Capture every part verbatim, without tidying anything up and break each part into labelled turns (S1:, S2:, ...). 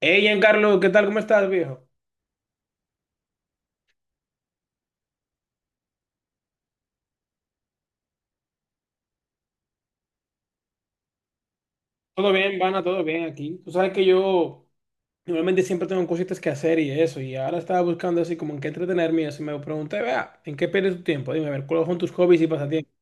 S1: Hey, Giancarlo, ¿qué tal? ¿Cómo estás, viejo? Todo bien, Vana, todo bien aquí. Tú sabes que yo normalmente siempre tengo cositas que hacer y eso, y ahora estaba buscando así como en qué entretenerme y eso, y me pregunté, vea, ¿en qué pierdes tu tiempo? Dime, a ver, ¿cuáles son tus hobbies y pasatiempos?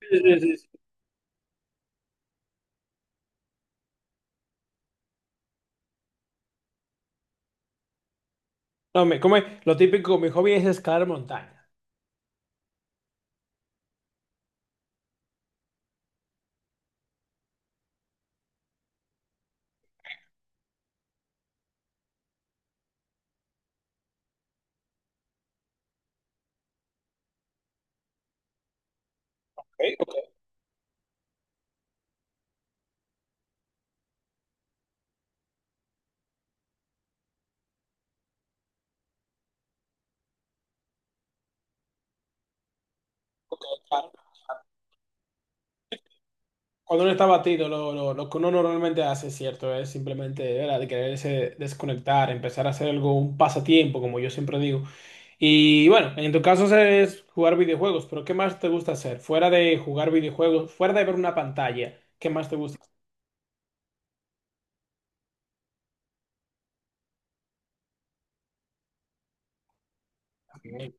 S1: Sí, sí, sí, sí. No, me, como es- lo típico, mi hobby es escalar montaña. Ok, ok, ok, claro. Cuando uno está batido, lo, lo- lo que uno normalmente hace, cierto, es simplemente, ¿verdad?, de quererse desconectar, empezar a hacer algo, un pasatiempo, como yo siempre digo. Y bueno, en tu caso es jugar videojuegos, pero ¿qué más te gusta hacer? Fuera de jugar videojuegos, fuera de ver una pantalla, ¿qué más te gusta hacer?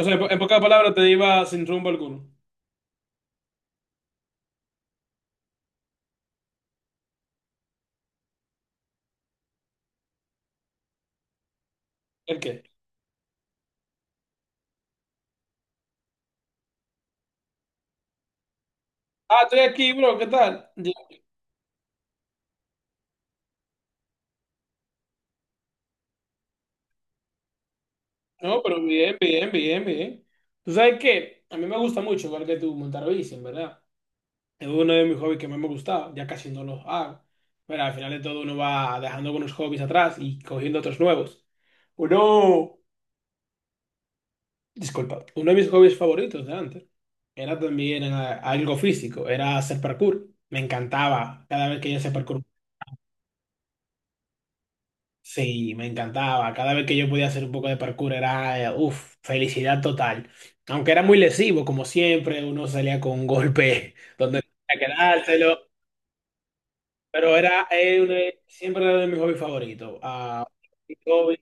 S1: O sea, en po- en pocas palabras te iba sin rumbo alguno. ¿El qué? Ah, estoy aquí, bro, ¿qué tal? Ya. No, pero bien, bien, bien, bien. ¿Tú sabes qué? A mí me gusta mucho, igual que tú, montar bici, en verdad. Es uno de mis hobbies que más me gustaba, ya casi no los hago. Pero al final de todo uno va dejando algunos hobbies atrás y cogiendo otros nuevos. Uno, disculpa, uno de mis hobbies favoritos de antes era también eh, algo físico, era hacer parkour. Me encantaba cada vez que yo hacía parkour. Sí, me encantaba. Cada vez que yo podía hacer un poco de parkour era, uff, felicidad total. Aunque era muy lesivo, como siempre, uno salía con un golpe donde tenía que dárselo. Pero era eh, de- siempre era de mis hobbies favoritos. Ah, mi hobby-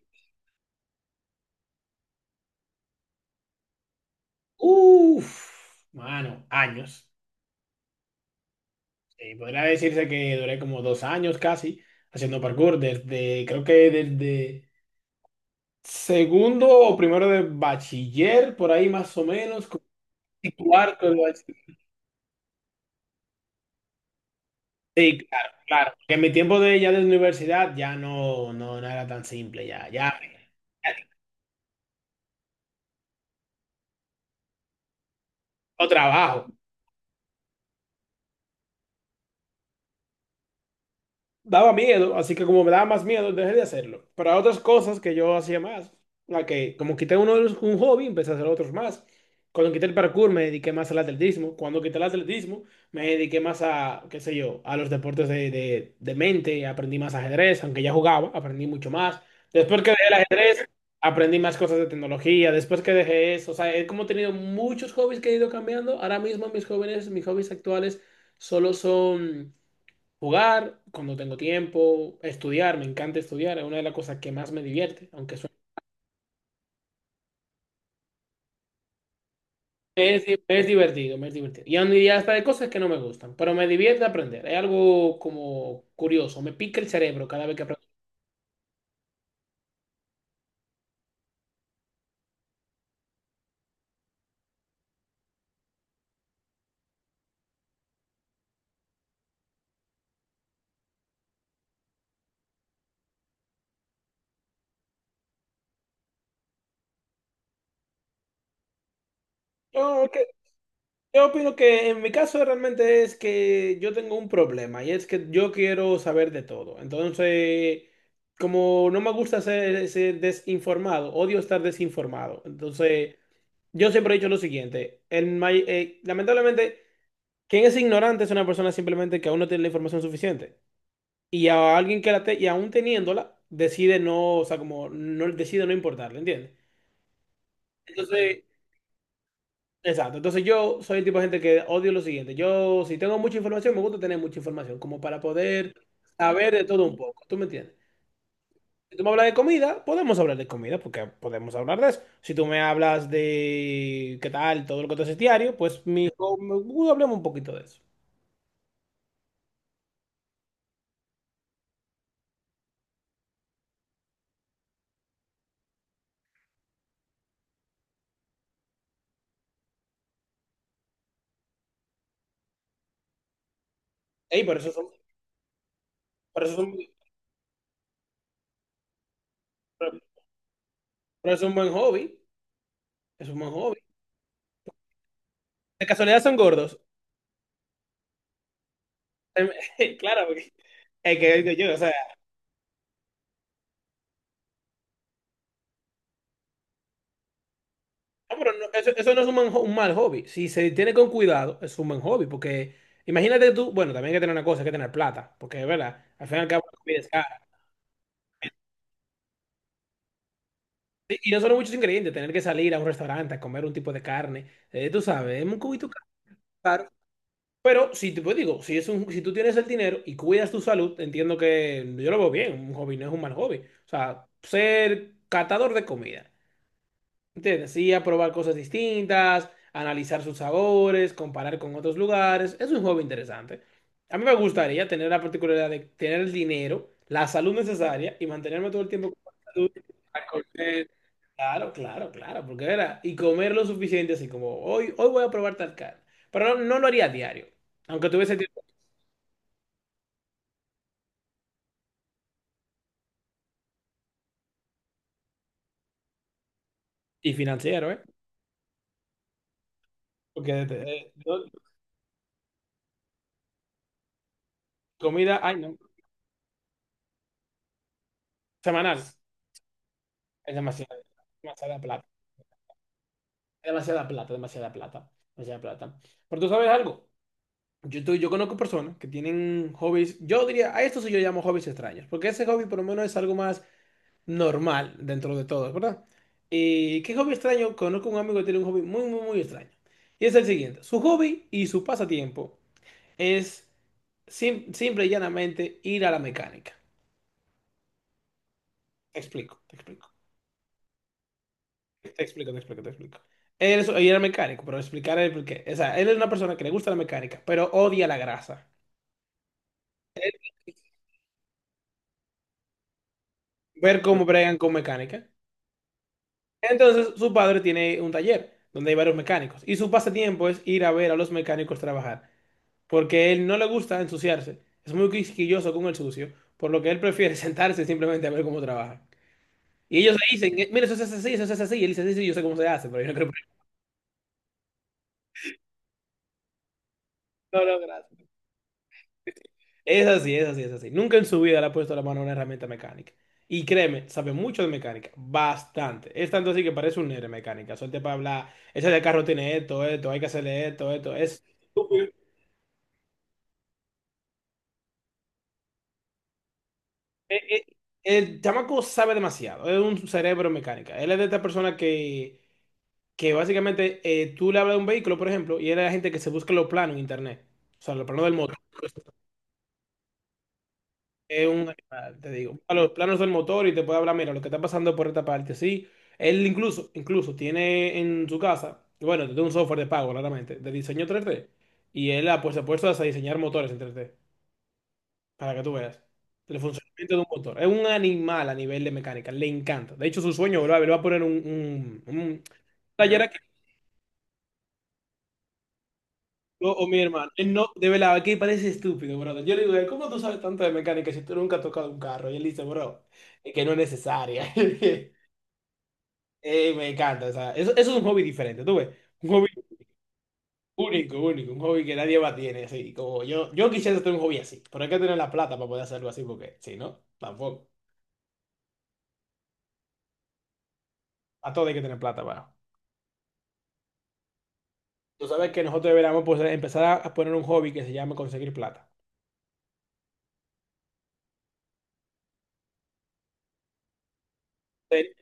S1: Uf, mano, años. Sí, podría decirse que duré como dos años casi haciendo parkour, desde, creo que desde segundo o primero de bachiller, por ahí más o menos, como cuarto de bachiller. Sí, claro, claro. Que en mi tiempo de ya de universidad ya no, no, no era tan simple, ya, ya, ya tengo trabajo. Daba miedo, así que como me daba más miedo, dejé de hacerlo. Pero hay otras cosas que yo hacía más, la que como quité uno de los- un hobby, empecé a hacer otros más. Cuando quité el parkour me dediqué más al atletismo. Cuando quité el atletismo me dediqué más a, qué sé yo, a los deportes de, de, de mente. Aprendí más ajedrez, aunque ya jugaba, aprendí mucho más. Después que dejé el ajedrez, aprendí más cosas de tecnología. Después que dejé eso, o sea, he como tenido muchos hobbies que he ido cambiando. Ahora mismo mis jóvenes, mis hobbies actuales solo son... Jugar cuando tengo tiempo, estudiar, me encanta estudiar, es una de las cosas que más me divierte, aunque suene- es, di- es divertido, me es divertido. Y aún diría hasta de cosas que no me gustan, pero me divierte aprender, es algo como curioso, me pica el cerebro cada vez que aprendo. Yo, que- yo opino que en mi caso realmente es que yo tengo un problema y es que yo quiero saber de todo. Entonces, como no me gusta ser, ser desinformado, odio estar desinformado. Entonces, yo siempre he dicho lo siguiente, el may- eh, lamentablemente... Quien es ignorante es una persona simplemente que aún no tiene la información suficiente. Y a alguien que la te- y aún teniéndola, decide no, o sea, como no decide no importarle, ¿entiendes? Entonces, exacto. Entonces yo soy el tipo de gente que odio lo siguiente. Yo, si tengo mucha información, me gusta tener mucha información, como para poder saber de todo un poco. ¿Tú me entiendes? Si tú me hablas de comida, podemos hablar de comida, porque podemos hablar de eso. Si tú me hablas de qué tal, todo lo que tú haces diario, pues mi, hablemos un poquito de eso. Ey, por eso son, por eso son- pero es un buen hobby. Es un buen hobby. De casualidad son gordos. Claro, porque es que digo yo, o sea, no, pero no, eso, eso no es un, man- un mal hobby. Si se tiene con cuidado, es un buen hobby. Porque imagínate tú, bueno, también hay que tener una cosa, hay que tener plata. Porque, ¿verdad?, al fin y al cabo, la comida es cara. Sí, y no son muchos ingredientes, tener que salir a un restaurante a comer un tipo de carne. Eh, tú sabes, es un cubito caro. Pero si te pues digo, si es un, si tú tienes el dinero y cuidas tu salud, entiendo que yo lo veo bien. Un hobby no es un mal hobby. O sea, ser catador de comida. ¿Entiendes? Sí, a probar cosas distintas, analizar sus sabores, comparar con otros lugares. Es un juego interesante. A mí me gustaría tener la particularidad de tener el dinero, la salud necesaria y mantenerme todo el tiempo con salud. A correr. Claro, claro, claro, porque era, y comer lo suficiente, así como hoy, hoy voy a probar tal carne. Pero no, no lo haría a diario, aunque tuviese tiempo y financiero, ¿eh? Porque eh, yo- comida, ay, no, semanal, es demasiado, demasiada plata. Demasiada plata, demasiada plata, demasiada plata. Pero tú sabes algo, yo, tú- yo conozco personas que tienen hobbies, yo diría, a esto sí yo llamo hobbies extraños, porque ese hobby por lo menos es algo más normal dentro de todo, ¿verdad? ¿Y qué hobby extraño? Conozco un amigo que tiene un hobby muy, muy, muy extraño. Y es el siguiente, su hobby y su pasatiempo es sim- simple y llanamente ir a la mecánica. Te explico, te explico. Te explico, te explico, te explico. Él, es- él era mecánico, pero explicaré el porqué. O sea, él es una persona que le gusta la mecánica, pero odia la grasa. Ver cómo bregan con mecánica. Entonces, su padre tiene un taller donde hay varios mecánicos. Y su pasatiempo es ir a ver a los mecánicos trabajar. Porque él no le gusta ensuciarse. Es muy quisquilloso con el sucio. Por lo que él prefiere sentarse simplemente a ver cómo trabajan. Y ellos le dicen: "Eh, mira, eso se hace así, eso se hace así". Y él dice: "Sí, sí, yo sé cómo se hace, pero yo no creo". No, no, gracias. Es así, es así, es así. Nunca en su vida le ha puesto la mano a una herramienta mecánica. Y créeme, sabe mucho de mecánica, bastante. Es tanto así que parece un nerd de mecánica. Suelte para hablar, ese de carro tiene esto, esto, hay que hacerle esto, esto. Es, súper- Eh, eh, el chamaco sabe demasiado, es un cerebro mecánica. Él es de esta persona que, que básicamente eh, tú le hablas de un vehículo, por ejemplo, y él es la gente que se busca los planos en internet. O sea, los planos del motor. Es un animal, te digo. A los planos del motor y te puede hablar, mira, lo que está pasando por esta parte, sí. Él incluso, incluso tiene en su casa, bueno, tiene un software de pago, claramente, de diseño tres D. Y él ha, pues, se ha puesto a diseñar motores en tres D, para que tú veas. El funcionamiento de un motor. Es un animal a nivel de mecánica, le encanta. De hecho, su sueño, bro, él va a poner un, un, un taller aquí, yo o mi hermano. Él no, de verdad, aquí parece estúpido, brother. Yo le digo: "¿Cómo tú sabes tanto de mecánica si tú nunca has tocado un carro?". Y él dice: "Bro, es que no es necesaria". Eh, me encanta, o sea, eso, eso es un hobby diferente, tú ves. Un hobby único, único, un hobby que nadie más tiene, así. Como yo, yo quisiera tener un hobby así, pero hay que tener la plata para poder hacerlo así, porque si no, tampoco. A todo hay que tener plata para. Tú sabes que nosotros deberíamos, pues, empezar a, a poner un hobby que se llama conseguir plata. Eh,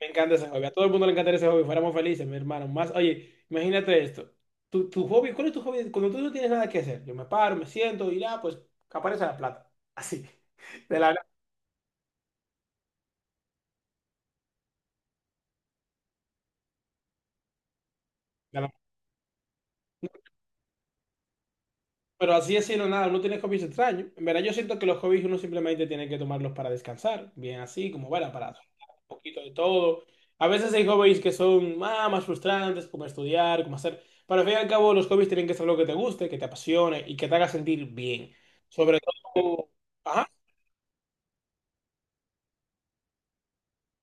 S1: Me encanta ese hobby, a todo el mundo le encantaría ese hobby, fuéramos felices, mi hermano. Más, oye, imagínate esto. Tu, tu hobby, ¿cuál es tu hobby? Cuando tú no tienes nada que hacer, yo me paro, me siento y ya, pues aparece la plata. Así, de la nada. Pero así es decirlo, nada, uno tiene hobbies extraños. En verdad, yo siento que los hobbies uno simplemente tiene que tomarlos para descansar, bien así, como bueno, para soltar un poquito de todo. A veces hay hobbies que son ah, más frustrantes, como estudiar, como hacer. Pero al fin y al cabo, los hobbies tienen que ser lo que te guste, que te apasione y que te haga sentir bien. Sobre todo, ajá,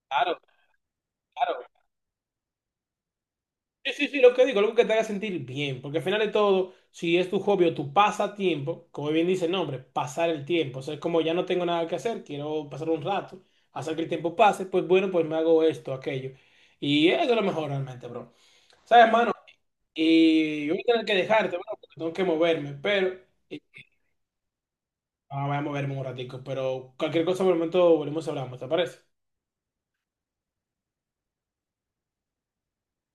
S1: claro, claro. Sí, sí, sí, lo que digo, algo que te haga sentir bien, porque al final de todo, si es tu hobby o tu pasatiempo, como bien dice el nombre, pasar el tiempo, o sea, es como ya no tengo nada que hacer, quiero pasar un rato, hacer que el tiempo pase, pues bueno, pues me hago esto, aquello. Y eso es lo mejor realmente, bro. ¿Sabes, hermano? Y yo voy a tener que dejarte, bro, porque tengo que moverme, pero... y- Ah, voy a moverme un ratico, pero cualquier cosa por el momento volvemos y hablamos, ¿te parece?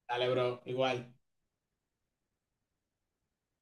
S1: Dale, bro, igual.